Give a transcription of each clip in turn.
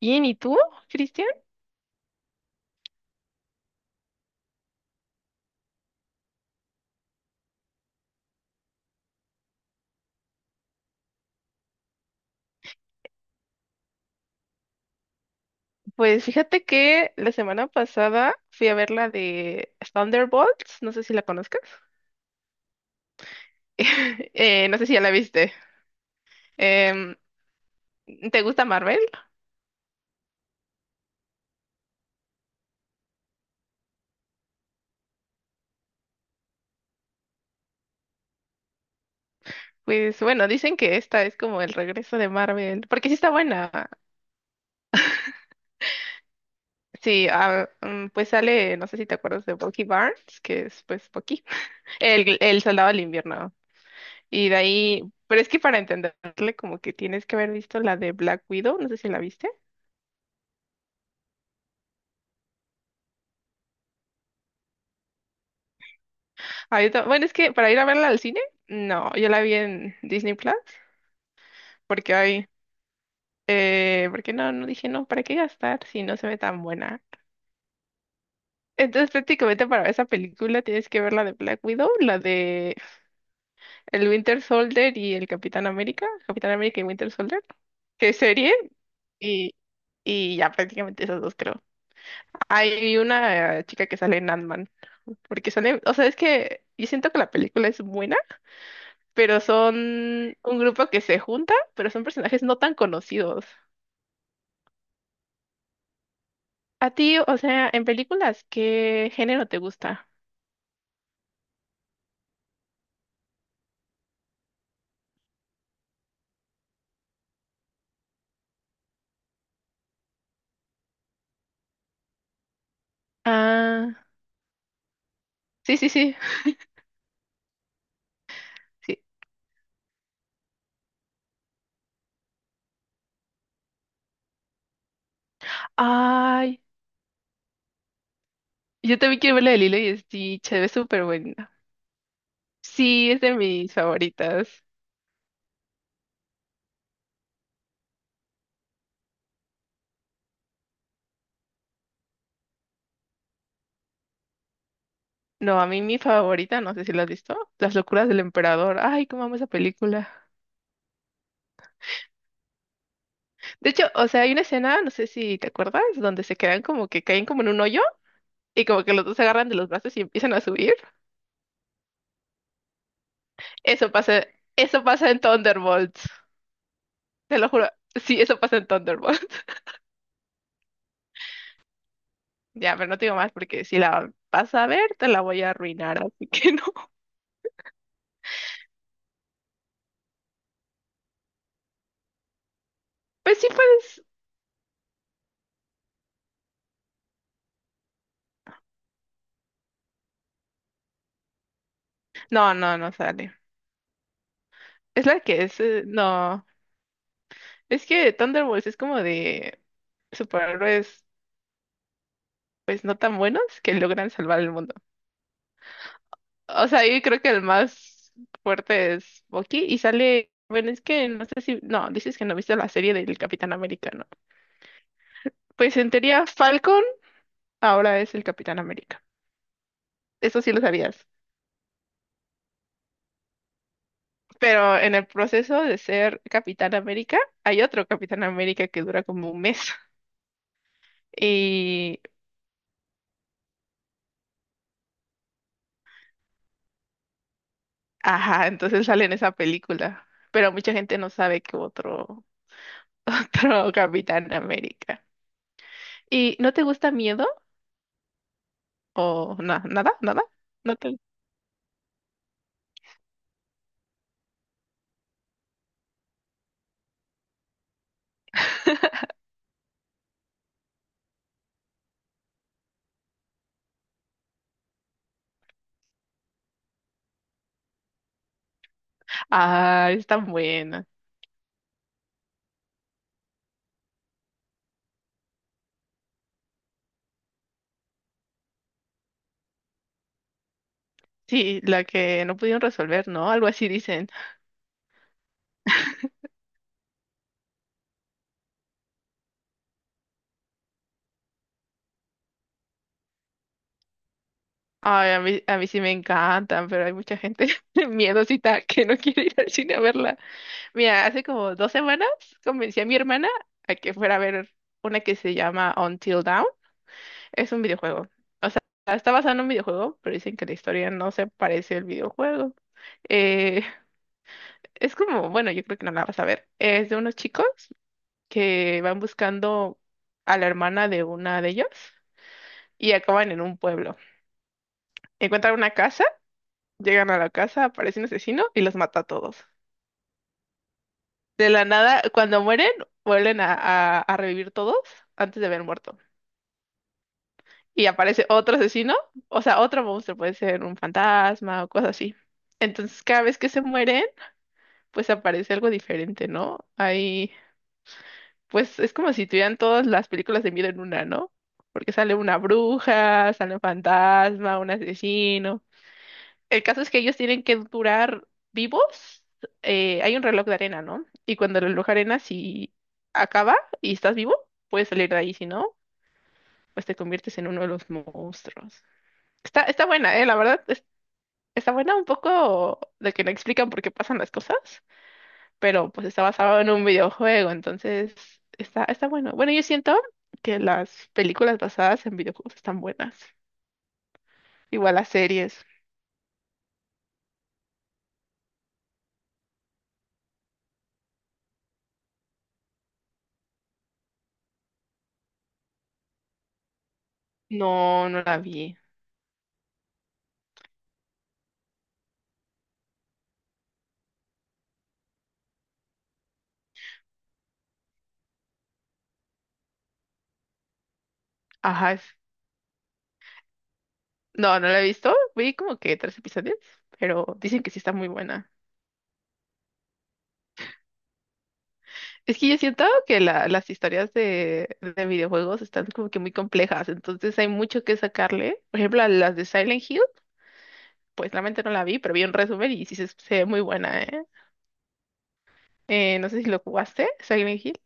Bien, ¿y tú, Cristian? Pues fíjate que la semana pasada fui a ver la de Thunderbolts, no sé si la conozcas. No sé si ya la viste. Em, ¿Te gusta Marvel? Pues bueno, dicen que esta es como el regreso de Marvel, porque sí está buena. Sí, ah, pues sale, no sé si te acuerdas de Bucky Barnes, que es pues Bucky, el soldado del invierno. Y de ahí, pero es que para entenderle como que tienes que haber visto la de Black Widow, no sé si la viste. Ah, bueno, es que para ir a verla al cine, no, yo la vi en Disney Plus, porque hay, porque no, no dije, no, ¿para qué gastar si no se ve tan buena? Entonces, prácticamente para ver esa película tienes que ver la de Black Widow, la de el Winter Soldier y el Capitán América, Capitán América y Winter Soldier, que es serie, y, y ya prácticamente esas dos creo. Hay una chica que sale en Ant-Man, porque sale, o sea, es que yo siento que la película es buena pero son un grupo que se junta, pero son personajes no tan conocidos. A ti, o sea, en películas, ¿qué género te gusta? Ah, sí, sí, sí, sí. Ay, yo también quiero ver la de Lilo y Stitch, se ve súper buena. Sí, es de mis favoritas. No, a mí mi favorita, no sé si la has visto, Las locuras del emperador. Ay, cómo amo esa película. De hecho, o sea, hay una escena, no sé si te acuerdas, donde se quedan como que caen como en un hoyo y como que los dos se agarran de los brazos y empiezan a subir. Eso pasa, eso pasa en Thunderbolts. Te lo juro. Sí, eso pasa en Thunderbolts. Ya, pero no te digo más porque si la vas a ver, te la voy a arruinar, así que no. Pues sí pues. No, no, no sale. Es la que es. No. Es que Thunderbolts es como de superhéroes, pues no tan buenos que logran salvar el mundo. O sea, yo creo que el más fuerte es Bucky y sale. Bueno, es que no sé si. No, dices que no viste la serie del Capitán Americano. Pues en teoría, Falcon ahora es el Capitán América. Eso sí lo sabías. Pero en el proceso de ser Capitán América, hay otro Capitán América que dura como un mes. Y, ajá, entonces sale en esa película. Pero mucha gente no sabe que otro Capitán América. ¿Y no te gusta miedo? ¿O no, nada? ¿Nada? ¿No te... Ah, es tan buena. Sí, la que no pudieron resolver, ¿no? Algo así dicen. Ay, a mí sí me encantan, pero hay mucha gente miedosita que no quiere ir al cine a verla. Mira, hace como 2 semanas convencí a mi hermana a que fuera a ver una que se llama Until Dawn. Es un videojuego. O sea, está basado en un videojuego, pero dicen que la historia no se parece al videojuego. Eh, es como, bueno, yo creo que no la vas a ver. Es de unos chicos que van buscando a la hermana de una de ellos y acaban en un pueblo. Encuentran una casa. Llegan a la casa, aparece un asesino y los mata a todos. De la nada, cuando mueren, vuelven a revivir todos antes de haber muerto. Y aparece otro asesino, o sea, otro monstruo, puede ser un fantasma o cosas así. Entonces, cada vez que se mueren, pues aparece algo diferente, ¿no? Ahí, pues es como si tuvieran todas las películas de miedo en una, ¿no? Porque sale una bruja, sale un fantasma, un asesino. El caso es que ellos tienen que durar vivos. Hay un reloj de arena, ¿no? Y cuando el reloj de arena, si acaba y estás vivo, puedes salir de ahí. Si no, pues te conviertes en uno de los monstruos. Está buena, ¿eh? La verdad, está buena un poco de que no explican por qué pasan las cosas, pero pues está basado en un videojuego, entonces está bueno. Bueno, yo siento que las películas basadas en videojuegos están buenas. Igual las series. No, no la vi. Ajá. No, no la he visto. Vi como que tres episodios, pero dicen que sí está muy buena. Es que yo siento que las historias de videojuegos están como que muy complejas, entonces hay mucho que sacarle. Por ejemplo, a las de Silent Hill, pues realmente no la vi, pero vi un resumen y sí se ve muy buena, ¿eh? No sé si lo jugaste, Silent Hill,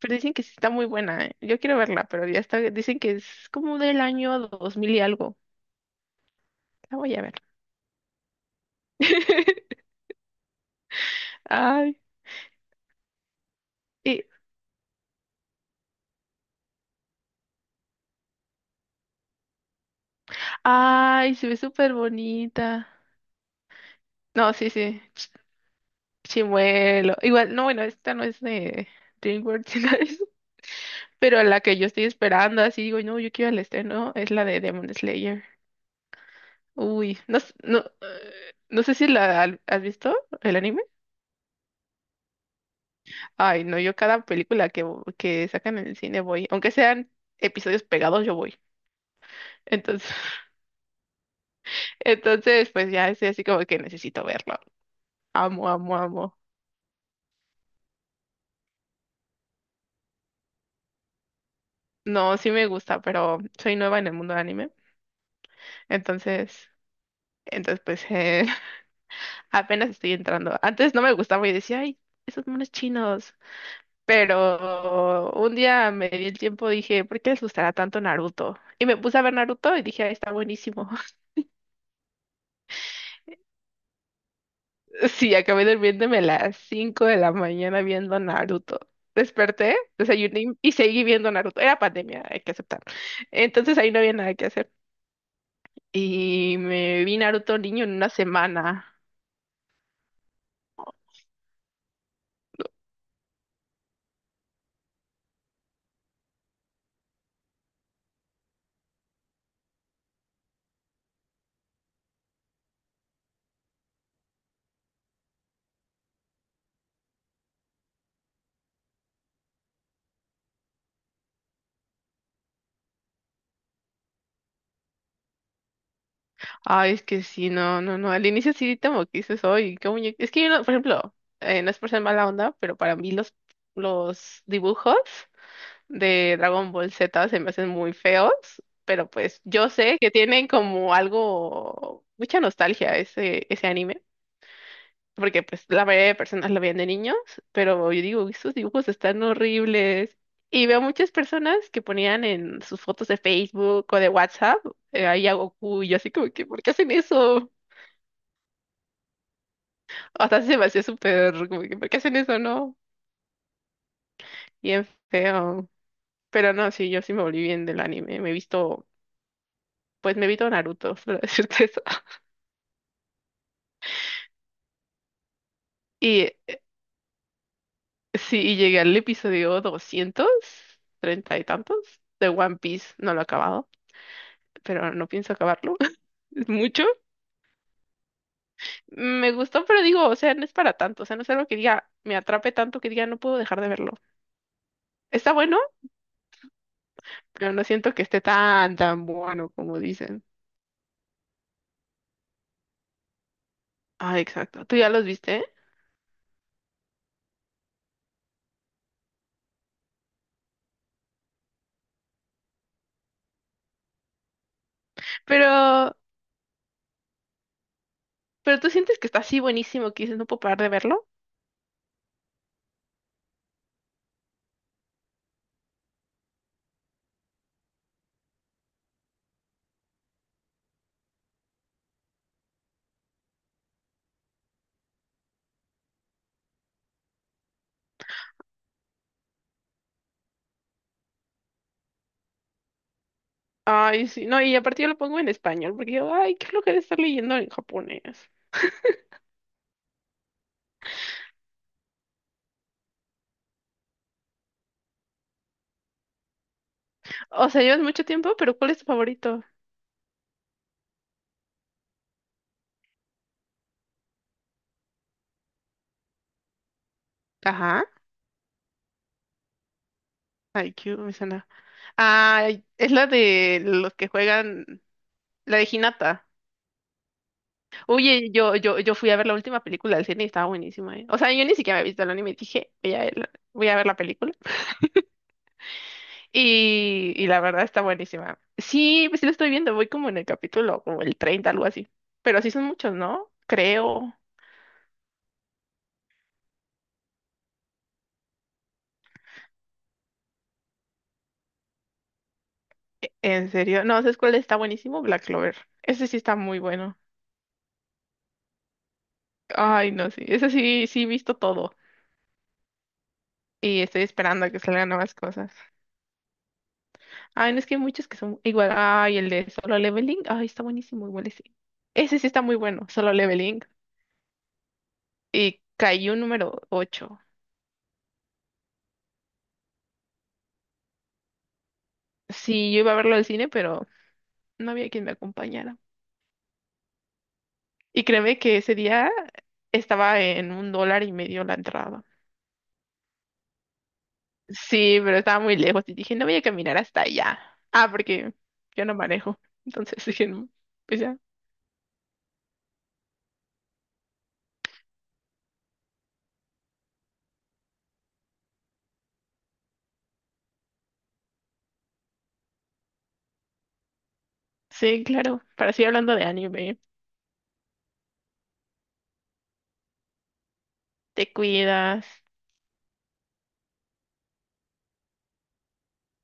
pero dicen que sí está muy buena, ¿eh? Yo quiero verla, pero ya está, dicen que es como del año 2000 y algo. La voy a ver. Ay, y- ay, se ve súper bonita. No, sí, sí. Chimuelo. Igual, no, bueno, esta no es de DreamWorks, sino es-. Pero la que yo estoy esperando, así digo, no, yo quiero el estreno, es la de Demon Slayer. Uy, no, no, no sé si has visto el anime. Ay, no, yo cada película que sacan en el cine voy. Aunque sean episodios pegados, yo voy. Entonces, entonces, pues ya es así como que necesito verlo. Amo, amo, amo. No, sí me gusta, pero soy nueva en el mundo del anime. Entonces, entonces pues... apenas estoy entrando. Antes no me gustaba y decía, ay, esos monos chinos. Pero un día me di el tiempo, dije, ¿por qué les gustará tanto Naruto? Y me puse a ver Naruto y dije, ay, está buenísimo. Sí, acabé durmiéndome a las 5 de la mañana viendo Naruto. Desperté, desayuné y seguí viendo Naruto. Era pandemia, hay que aceptar. Entonces ahí no había nada que hacer. Y me vi Naruto niño en una semana. Ay, es que sí, no, no, no. Al inicio sí como que dices, oye, qué muñeco. Es que yo, por ejemplo, no es por ser mala onda, pero para mí los dibujos de Dragon Ball Z se me hacen muy feos, pero pues yo sé que tienen como algo, mucha nostalgia ese anime, porque pues la mayoría de personas lo veían de niños, pero yo digo, estos dibujos están horribles. Y veo muchas personas que ponían en sus fotos de Facebook o de WhatsApp ahí a Goku, y yo así como que, ¿por qué hacen eso? Hasta se me hacía súper, como que, ¿por qué hacen eso, no? Bien feo. Pero no, sí, yo sí me volví bien del anime. Pues me he visto Naruto, para decirte eso. Y sí, y llegué al episodio 230 y tantos, de One Piece. No lo he acabado, pero no pienso acabarlo. Es mucho. Me gustó, pero digo, o sea, no es para tanto. O sea, no es algo que diga, me atrape tanto que diga, no puedo dejar de verlo. Está bueno, pero no siento que esté tan, tan bueno como dicen. Ah, exacto. ¿Tú ya los viste? Pero Pero tú sientes que está así buenísimo que dices, no puedo parar de verlo. Ay, sí, no, y aparte yo lo pongo en español, porque yo, ay, qué lo que estar leyendo en japonés. O sea, llevas mucho tiempo, pero ¿cuál es tu favorito? Ajá, IQ, me suena. Ah, es la de los que juegan, la de Hinata. Oye, yo fui a ver la última película del cine y estaba buenísima, ¿eh? O sea, yo ni siquiera había visto el anime y dije, voy a ver la película. Y la verdad está buenísima. Sí, pues sí lo estoy viendo, voy como en el capítulo, como el 30 algo así. Pero sí son muchos, ¿no? Creo. En serio. No, ¿sabes cuál está buenísimo? Black Clover. Ese sí está muy bueno. Ay, no, sí. Ese sí, sí he visto todo. Y estoy esperando a que salgan nuevas cosas. Ay, no es que hay muchos que son igual. Ay, el de Solo Leveling. Ay, está buenísimo, igual ese. Ese sí está muy bueno, Solo Leveling. Y cayó número ocho. Sí, yo iba a verlo al cine, pero no había quien me acompañara. Y créeme que ese día estaba en un dólar y medio la entrada. Sí, pero estaba muy lejos y dije, no voy a caminar hasta allá. Ah, porque yo no manejo. Entonces dije, "No, pues ya". Sí, claro. Para seguir hablando de anime, te cuidas.